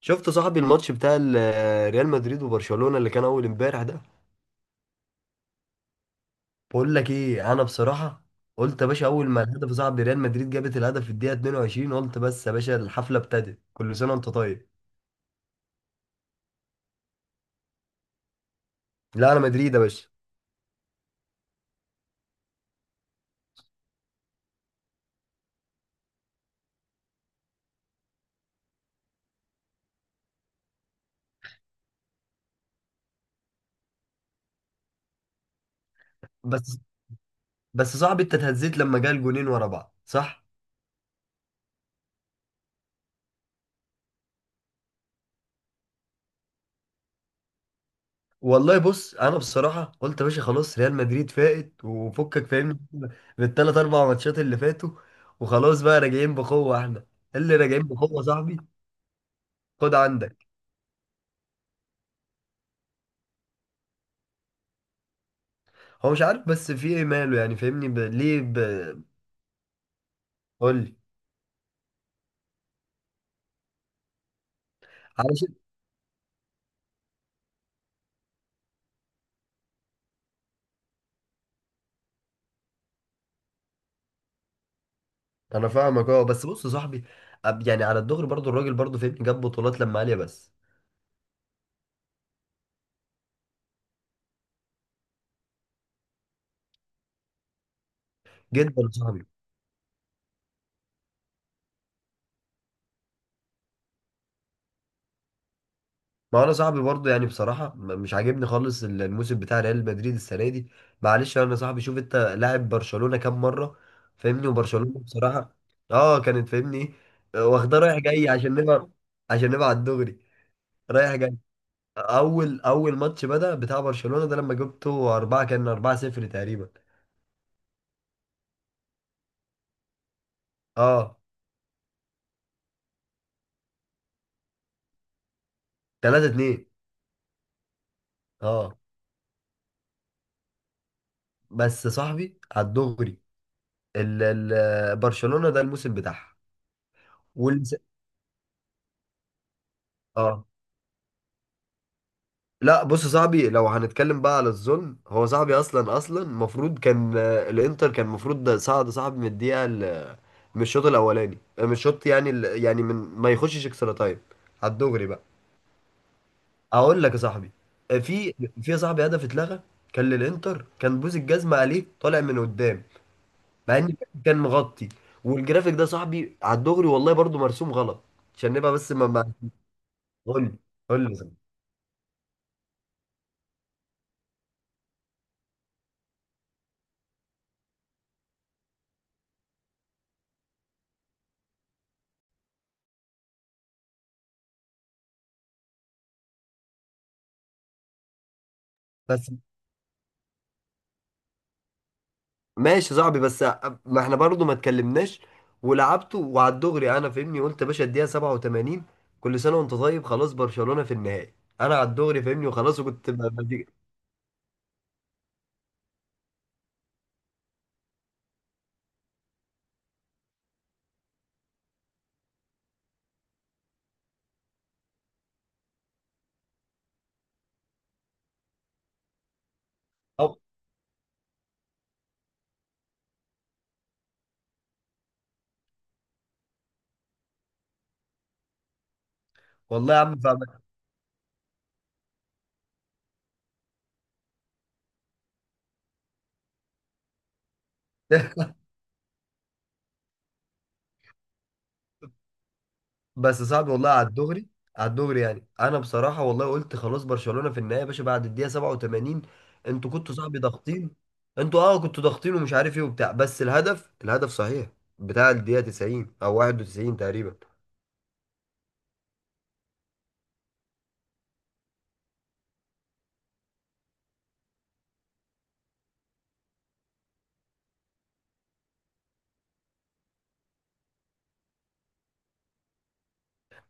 شفت صاحبي الماتش بتاع ريال مدريد وبرشلونة اللي كان اول امبارح ده. بقول لك ايه انا بصراحة، قلت يا باشا اول ما الهدف صاحبي ريال مدريد جابت الهدف في الدقيقة 22، قلت بس يا باشا الحفلة ابتدت، كل سنة وانت طيب. لا انا مدريد يا باشا. بس بس صاحبي، انت اتهزيت لما جه الجونين ورا بعض، صح؟ والله بص، انا بصراحة قلت يا باشا خلاص ريال مدريد فائت وفكك، فاهمني؟ بالثلاث اربع ماتشات اللي فاتوا، وخلاص بقى راجعين بقوة احنا، اللي راجعين بقوة صاحبي. خد عندك. هو مش عارف بس في ايه ماله، يعني فاهمني ليه قول لي. علشان انا فاهمك، اه بس بص يا صاحبي، يعني على الدغري برضو الراجل برضو فاهمني جاب بطولات لما عاليه بس. جدا يا صاحبي، ما انا صاحبي برضو يعني بصراحه مش عاجبني خالص الموسم بتاع ريال مدريد السنه دي. معلش انا صاحبي، شوف انت لاعب برشلونه كام مره؟ فاهمني وبرشلونه بصراحه. اه كانت فاهمني، إيه، واخداه رايح جاي عشان نبقى، عشان نبقى على الدغري، رايح جاي. اول ماتش بدأ بتاع برشلونة ده لما جبته أربعة، كان أربعة صفر تقريبا. اه، تلاتة اتنين. اه. بس صاحبي على الدغري، ال ال برشلونة ده الموسم بتاعها. والس... اه، لا بص صاحبي، لو هنتكلم بقى على الظلم، هو صاحبي اصلا المفروض كان، الانتر كان المفروض ده صعد صاحبي من الدقيقة، من الشوط الاولاني، من الشوط يعني يعني من ما يخشش اكسترا تايم. على الدغري بقى، اقول لك يا صاحبي. في في يا صاحبي هدف اتلغى، كان للانتر، كان بوز الجزمه عليه طالع من قدام، مع ان كان مغطي. والجرافيك ده يا صاحبي على الدغري والله برضو مرسوم غلط. عشان نبقى بس ما. قول لي. قول لي يا صاحبي. بس، ماشي يا صاحبي، بس ما احنا برضو ما اتكلمناش ولعبته. وعلى الدغري انا فاهمني قلت يا باشا الدقيقه 87، كل سنه وانت طيب، خلاص برشلونه في النهائي. انا على الدغري فاهمني وخلاص، وكنت أو- والله يا عم فاهمك. بس صعب والله، على الدغري، على الدغري يعني انا بصراحه والله قلت خلاص برشلونه في النهايه يا باشا بعد الدقيقه 87. انتوا كنتوا صعب ضاغطين، انتوا اه كنتوا ضاغطين ومش عارف ايه وبتاع، بس الهدف صحيح بتاع الدقيقه 90 او 91 تقريبا.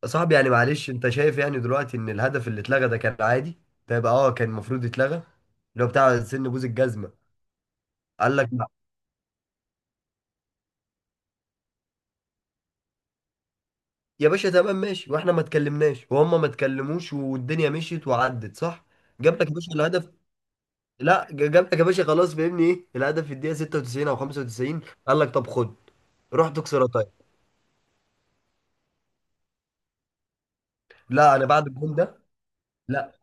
صعب يعني، معلش انت شايف يعني دلوقتي ان الهدف اللي اتلغى ده كان عادي؟ ده يبقى اه كان المفروض يتلغى، اللي هو بتاع سن بوز الجزمه. قال لك لا، يا باشا تمام ماشي، واحنا ما اتكلمناش وهم ما اتكلموش والدنيا مشيت وعدت، صح؟ جاب لك يا باشا الهدف. لا جاب لك يا باشا خلاص، فاهمني ايه، الهدف في الدقيقه 96 او 95، قال لك طب خد. روح تكسر طيب. لا انا بعد الجون ده، لا،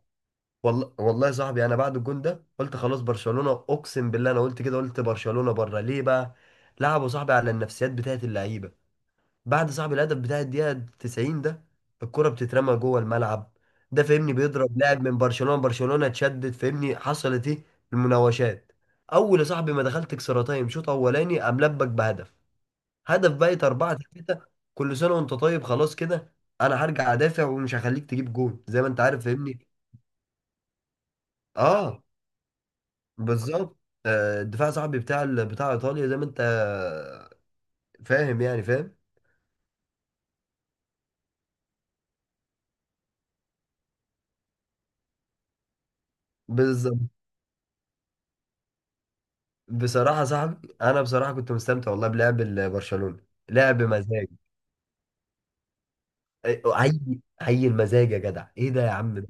والله والله يا صاحبي انا بعد الجون ده قلت خلاص برشلونه، اقسم بالله انا قلت كده، قلت برشلونه بره ليه بقى؟ لعبوا صاحبي على النفسيات بتاعت اللعيبه، بعد صاحبي الهدف بتاع الدقيقه 90 ده، الكره بتترمى جوه الملعب، ده فاهمني بيضرب لاعب من برشلونه، برشلونه اتشدد فاهمني حصلت ايه؟ المناوشات. اول يا صاحبي ما دخلت اكسترا تايم شوط اولاني، قام لبك بهدف، هدف بقت 4-3، كل سنه وانت طيب خلاص كده. انا هرجع ادافع ومش هخليك تجيب جون، زي ما انت عارف فاهمني. اه، بالظبط. الدفاع صاحبي بتاع بتاع ايطاليا، زي ما انت فاهم يعني فاهم. بالظبط. بصراحه صاحبي، انا بصراحه كنت مستمتع والله بلعب برشلونه. لعب مزاج، إيه، عي المزاج يا جدع. ايه ده يا عم ده؟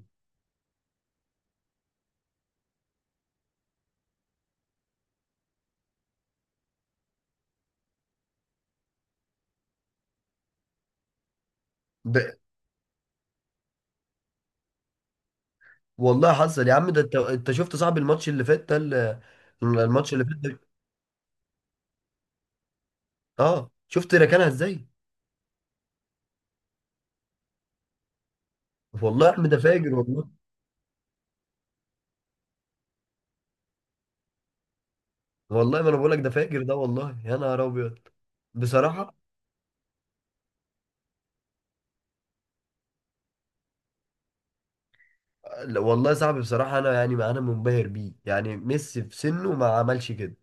ده- والله حصل يا عم ده، انت شفت صاحبي الماتش اللي فات ده الماتش اللي فات ده، اه شفت ركنها ازاي؟ والله يا عم ده فاجر والله. والله ما انا بقول لك ده فاجر ده، والله يا نهار ابيض. بصراحه، لا، والله يا صاحبي بصراحه انا يعني انا منبهر بيه، يعني ميسي في سنه ما عملش كده.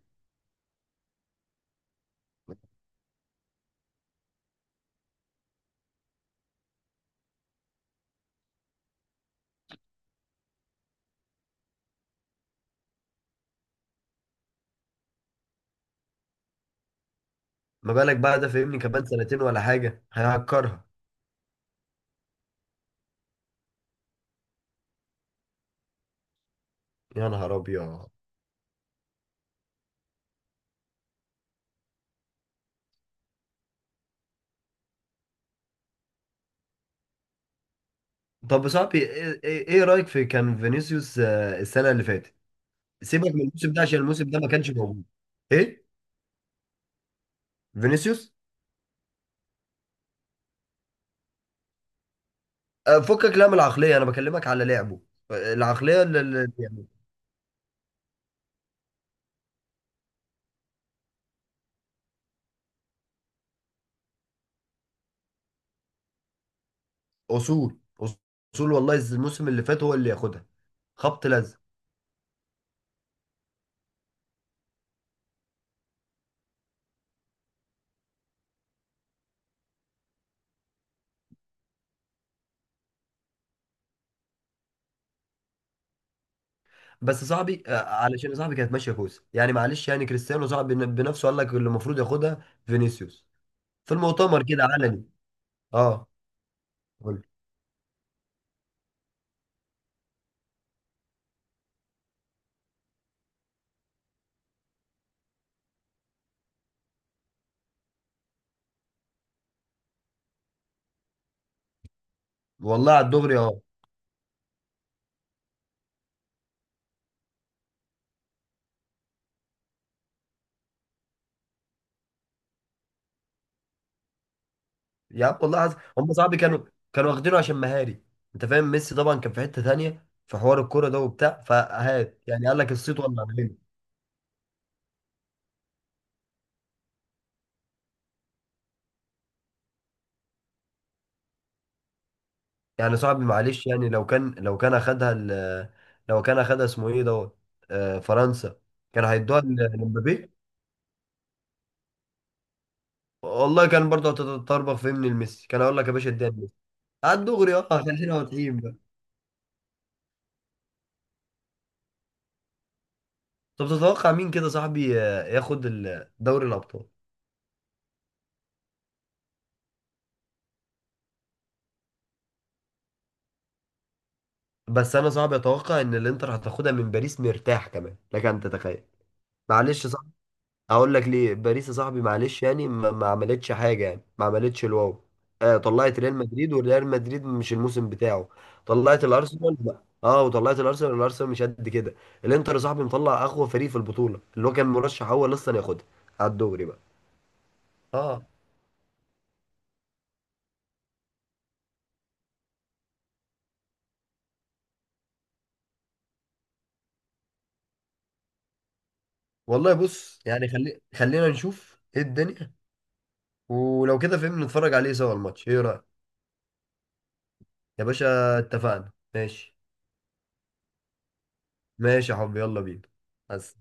ما بالك بقى، ده فاهمني كمان سنتين ولا حاجه هيهكرها. يا نهار ابيض. طب يا صاحبي، إيه رايك في كان فينيسيوس السنه اللي فاتت؟ سيبك من الموسم ده عشان الموسم ده ما كانش موجود. ايه فينيسيوس؟ فكك لا من العقليه، انا بكلمك على لعبه، آه، اللي... اصول، اصول والله الموسم اللي فات هو اللي ياخدها. خبط لزق. بس صاحبي، علشان صاحبي كانت ماشيه كويس يعني. معلش يعني كريستيانو صاحبي بنفسه قال لك اللي المفروض ياخدها فينيسيوس، في المؤتمر كده علني. اه، قول. والله على الدغري اه. يا عم والله هم صاحبي كانوا، كانوا واخدينه عشان مهاري. انت فاهم، ميسي طبعا كان في حته تانيه في حوار الكوره ده وبتاع، فهات يعني قال لك الصيت ولا. يعني صاحبي معلش، يعني لو كان اخدها لو كان اخدها اسمه ايه دوت، فرنسا، كان هيدوها لمبابي. والله كان برضه هتتطربخ في من الميسي، كان هقول لك يا باشا اديها لميسي. على الدغري اه، خلينا واضحين بقى. طب تتوقع مين كده صاحبي ياخد دوري الابطال؟ بس انا صعب اتوقع ان الانتر هتاخدها من باريس، مرتاح كمان لك ان تتخيل؟ معلش، اقول لك ليه باريس يا صاحبي معلش، يعني ما عملتش حاجه، يعني ما عملتش الواو. آه طلعت ريال مدريد وريال مدريد مش الموسم بتاعه. طلعت الارسنال، لا. اه، وطلعت الارسنال، الارسنال مش قد كده. الانتر يا صاحبي مطلع اقوى فريق في البطوله، اللي هو كان مرشح اول اصلا ياخدها على الدوري بقى. اه، والله بص يعني، خلينا نشوف ايه الدنيا. ولو كده فهمنا نتفرج عليه سوا الماتش، ايه رأيك؟ يا باشا اتفقنا، ماشي. ماشي يا حبيبي، يلا بينا. بس.